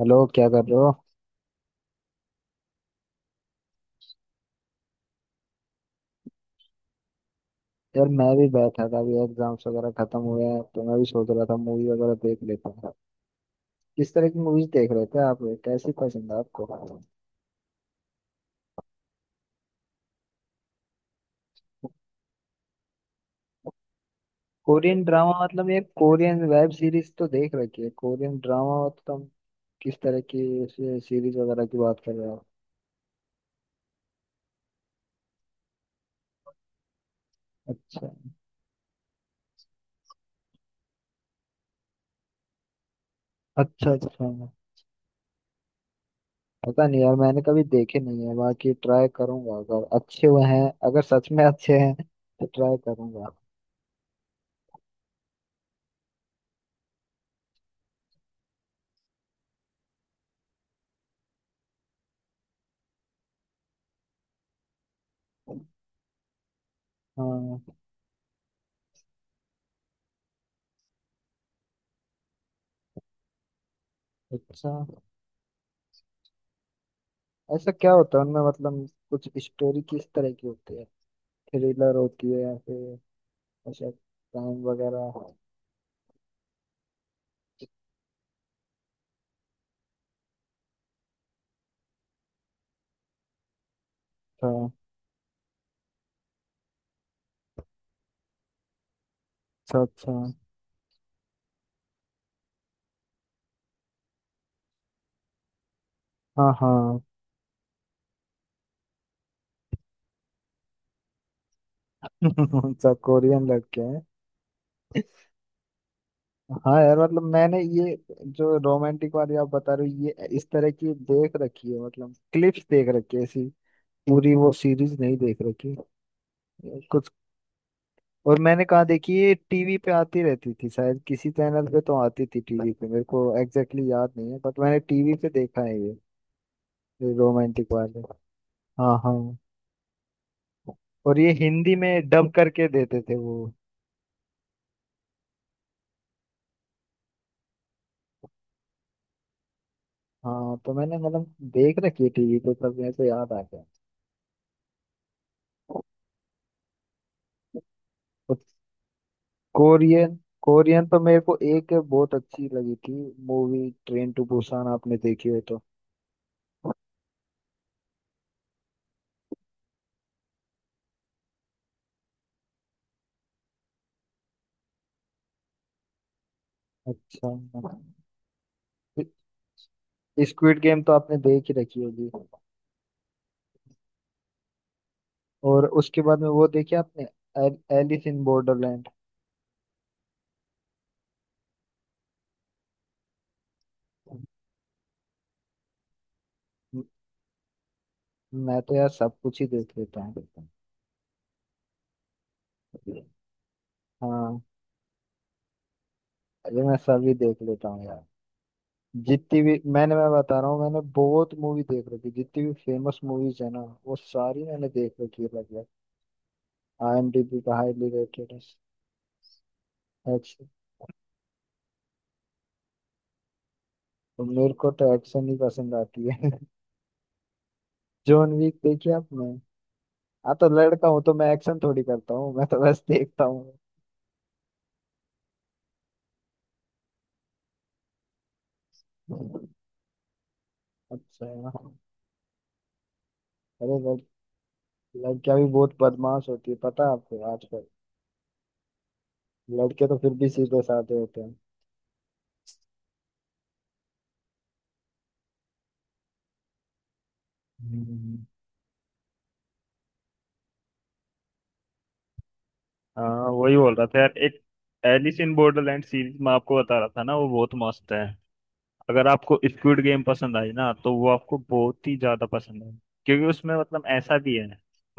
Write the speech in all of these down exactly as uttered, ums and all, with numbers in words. Hello, क्या कर रहे हो? यार, मैं भी बैठा था। अभी एग्जाम्स वगैरह खत्म हुए हैं तो मैं भी सोच रहा था मूवी वगैरह देख लेता था। किस तरह की मूवीज देख रहे थे आप? कैसी पसंद है आपको? कोरियन ड्रामा मतलब ये कोरियन वेब सीरीज तो देख रखी है। कोरियन ड्रामा मतलब किस तरह की सीरीज वगैरह की बात कर रहे हो? अच्छा, अच्छा, अच्छा। पता नहीं यार, मैंने कभी देखे नहीं है। बाकी ट्राई करूंगा अगर अच्छे हुए हैं। अगर सच में अच्छे हैं तो ट्राई करूंगा। हाँ। अच्छा। ऐसा क्या होता है उनमें, मतलब कुछ स्टोरी किस तरह की होती है? थ्रिलर होती है या फिर ऐसा क्राइम वगैरह? अच्छा, अच्छा, अच्छा। हाँ, हाँ। अच्छा, कोरियन लड़के हैं? हाँ यार, मतलब मैंने ये जो रोमांटिक वाली आप बता रहे हो ये इस तरह की देख रखी है, मतलब क्लिप्स देख रखी है ऐसी। पूरी वो सीरीज नहीं देख रखी। कुछ और मैंने कहा, देखी ये टीवी पे आती रहती थी शायद, किसी चैनल पे तो आती थी टीवी पे। मेरे को एग्जैक्टली exactly याद नहीं है, बट मैंने टीवी पे देखा है ये रोमांटिक वाले। हाँ, हाँ। और ये हिंदी में डब करके देते थे वो। हाँ, तो मैंने मतलब देख रखी है टीवी पे, सब ऐसे याद आ गया। और कोरियन कोरियन तो मेरे को एक बहुत अच्छी लगी थी मूवी, ट्रेन टू बुसान आपने देखी हो तो? अच्छा, मतलब स्क्विड गेम तो आपने देख ही रखी होगी। और उसके बाद में वो देखी आपने, एलिस इन बॉर्डरलैंड? मैं तो यार सब कुछ ही देख लेता हूँ। हाँ, अरे मैं सभी देख लेता हूँ यार। जितनी भी मैंने मैं बता रहा हूँ, मैंने बहुत मूवी देख रखी, जितनी भी फेमस मूवीज है ना, वो सारी मैंने देख रखी है लगभग। आईएमडीबी का हाईली रेटेड है। एक्शन। तो मेरे को तो एक्शन ही पसंद आती है। जॉन विक देखी आपने? हाँ तो लड़का हूँ तो मैं एक्शन थोड़ी करता हूँ, मैं तो बस देखता हूँ। अच्छा, अरे लड़, लड़कियां भी बहुत बदमाश होती है, पता है आपको, आजकल। लड़के तो फिर भी सीधे साधे होते हैं। हम्म। हाँ, वही बोल रहा था यार। एक एलिस इन बॉर्डरलैंड सीरीज में आपको बता रहा था ना, वो बहुत मस्त है। अगर आपको स्क्विड गेम पसंद आई ना, तो वो आपको बहुत ही ज्यादा पसंद है। क्योंकि उसमें मतलब ऐसा भी है,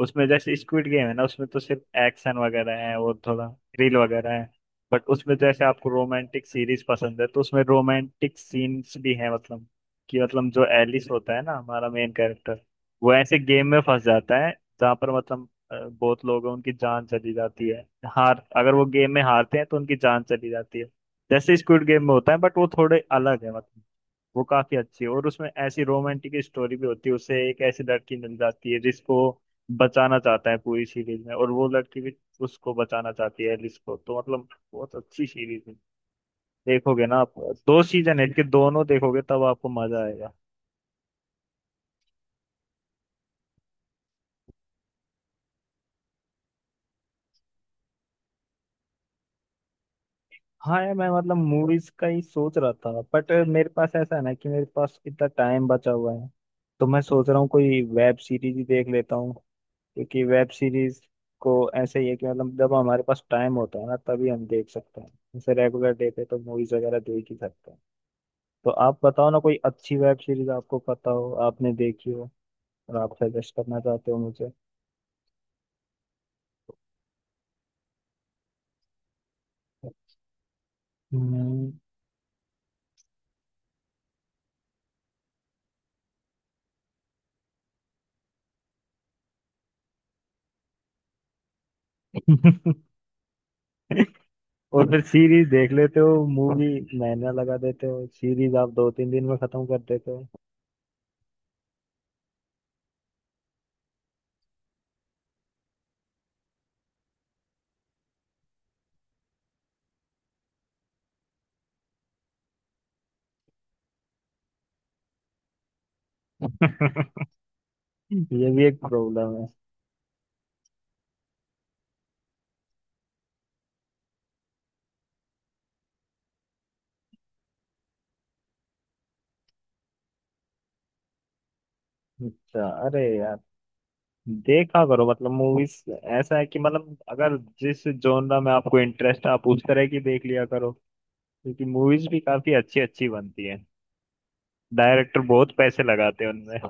उसमें जैसे स्क्विड गेम है ना, उसमें तो सिर्फ एक्शन वगैरह है और थोड़ा थ्रिल वगैरह है। बट उसमें जैसे आपको रोमांटिक सीरीज पसंद है तो उसमें रोमांटिक सीन्स भी है। मतलब कि मतलब जो एलिस होता है ना, हमारा मेन कैरेक्टर, वो ऐसे गेम में फंस जाता है। जहाँ पर मतलब अ, बहुत लोग हैं, उनकी जान चली जाती है। हार अगर वो गेम में हारते हैं तो उनकी जान चली जाती है, जैसे स्क्विड गेम में होता है। बट वो थोड़े अलग है मतलब। वो काफी अच्छी है, और उसमें ऐसी रोमांटिक स्टोरी भी होती है, उसे एक ऐसी लड़की मिल जाती है जिसको बचाना चाहता है पूरी सीरीज में, और वो लड़की भी उसको बचाना चाहती है एलिस को, तो मतलब बहुत अच्छी सीरीज है। देखोगे ना आप? दो सीजन है इसके, दोनों देखोगे तब आपको मजा आएगा। हाँ यार, मैं मतलब मूवीज का ही सोच रहा था, बट मेरे पास ऐसा है ना कि मेरे पास इतना टाइम बचा हुआ है, तो मैं सोच रहा हूँ कोई वेब सीरीज ही देख लेता हूँ। क्योंकि वेब सीरीज को ऐसे ही है कि मतलब जब हमारे पास टाइम होता है ना तभी हम देख सकते हैं। जैसे रेगुलर डे पे तो मूवीज वगैरह देख ही सकते हैं। तो आप बताओ ना कोई अच्छी वेब सीरीज आपको पता हो, आपने देखी हो, और आप सजेस्ट करना चाहते हो मुझे। हम्म। और फिर सीरीज देख लेते हो? मूवी महीना लगा देते हो, सीरीज आप दो तीन दिन में खत्म कर देते हो। ये भी एक प्रॉब्लम है। अच्छा, अरे देखा करो मतलब मूवीज। ऐसा है कि मतलब अगर जिस जॉनरा में आपको इंटरेस्ट है, आप उस तरह की देख लिया करो। क्योंकि मूवीज भी काफी अच्छी अच्छी बनती हैं, डायरेक्टर बहुत पैसे लगाते हैं उनमें।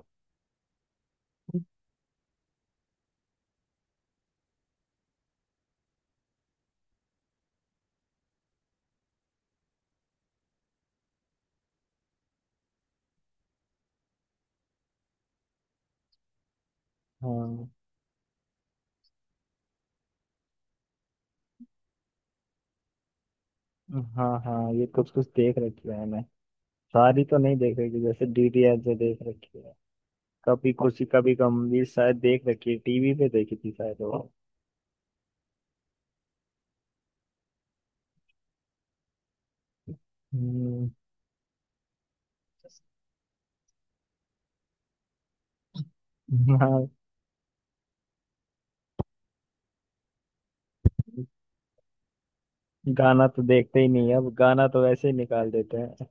हाँ, हाँ, हाँ, ये कुछ कुछ देख रखी है मैं। सारी तो नहीं देख रखी, जैसे डीडीएल जो देख रखी है। कभी खुशी कभी गम भी शायद देख रखी है, टीवी पे देखी थी शायद वो। हम्म, हाँ। गाना तो देखते ही नहीं है अब, गाना तो वैसे ही निकाल देते हैं।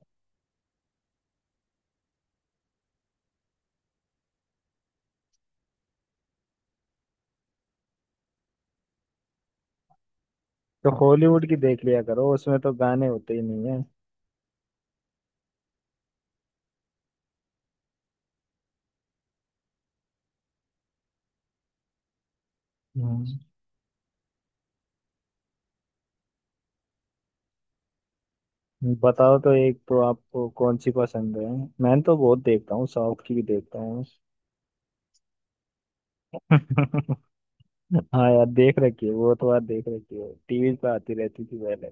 तो हॉलीवुड की देख लिया करो, उसमें तो गाने होते ही नहीं है। हम्म, बताओ तो, एक तो आपको कौन सी पसंद है? मैं तो बहुत देखता हूँ, साउथ की भी देखता हूँ। हाँ यार, देख रखी है वो तो यार, देख रखी है, टीवी पे आती रहती थी पहले।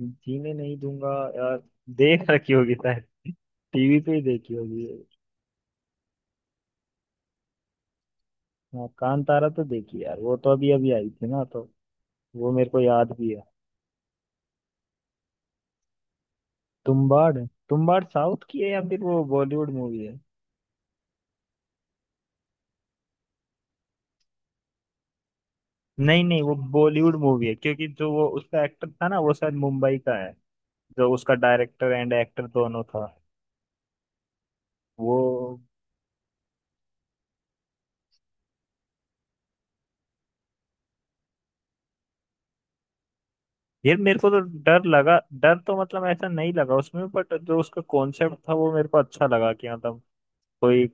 जीने नहीं दूंगा, यार देख रखी होगी शायद, टीवी पे ही देखी होगी। हाँ, कांतारा तो देखी यार, वो तो अभी अभी आई थी ना, तो वो मेरे को याद भी है। तुम्बाड़। तुम्बाड़ साउथ की है या फिर वो बॉलीवुड मूवी है? नहीं, नहीं, वो बॉलीवुड मूवी है, क्योंकि जो वो उसका एक्टर था ना, वो शायद मुंबई का है। जो उसका डायरेक्टर एंड एक्टर दोनों था वो। ये मेरे को तो डर लगा, डर तो मतलब ऐसा नहीं लगा उसमें, बट जो उसका कॉन्सेप्ट था वो मेरे को अच्छा लगा, कि मतलब कोई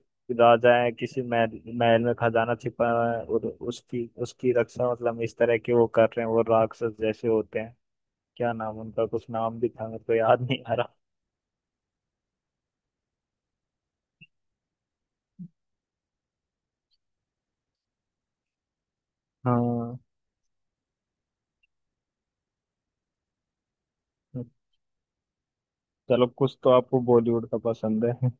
राजा है, किसी महल महल में खजाना छिपा हुआ है, और उसकी उसकी रक्षा मतलब इस तरह के वो कर रहे हैं, वो राक्षस जैसे होते हैं। क्या नाम उनका, कुछ नाम भी था मेरे को याद नहीं आ रहा। हाँ, चलो कुछ तो आपको बॉलीवुड का पसंद है।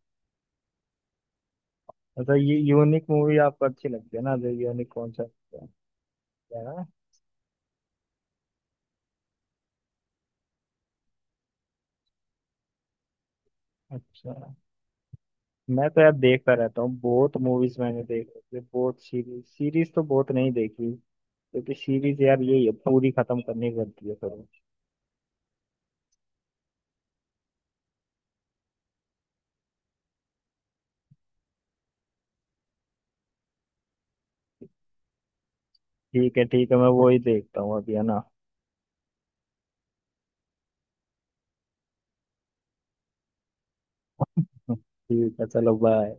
मतलब ये यूनिक मूवी आपको अच्छी लगती है ना, जो यूनिक कॉन्सेप्ट है ना। अच्छा, मैं तो यार देखता रहता हूँ, बहुत मूवीज मैंने देख रखी है बहुत, सीरीज सीरीज तो बहुत नहीं देखी। क्योंकि सीरीज यार यही है, पूरी खत्म करनी पड़ती है फिर। ठीक है, ठीक है, मैं वो ही देखता हूँ अभी है ना। ठीक है, चलो बाय।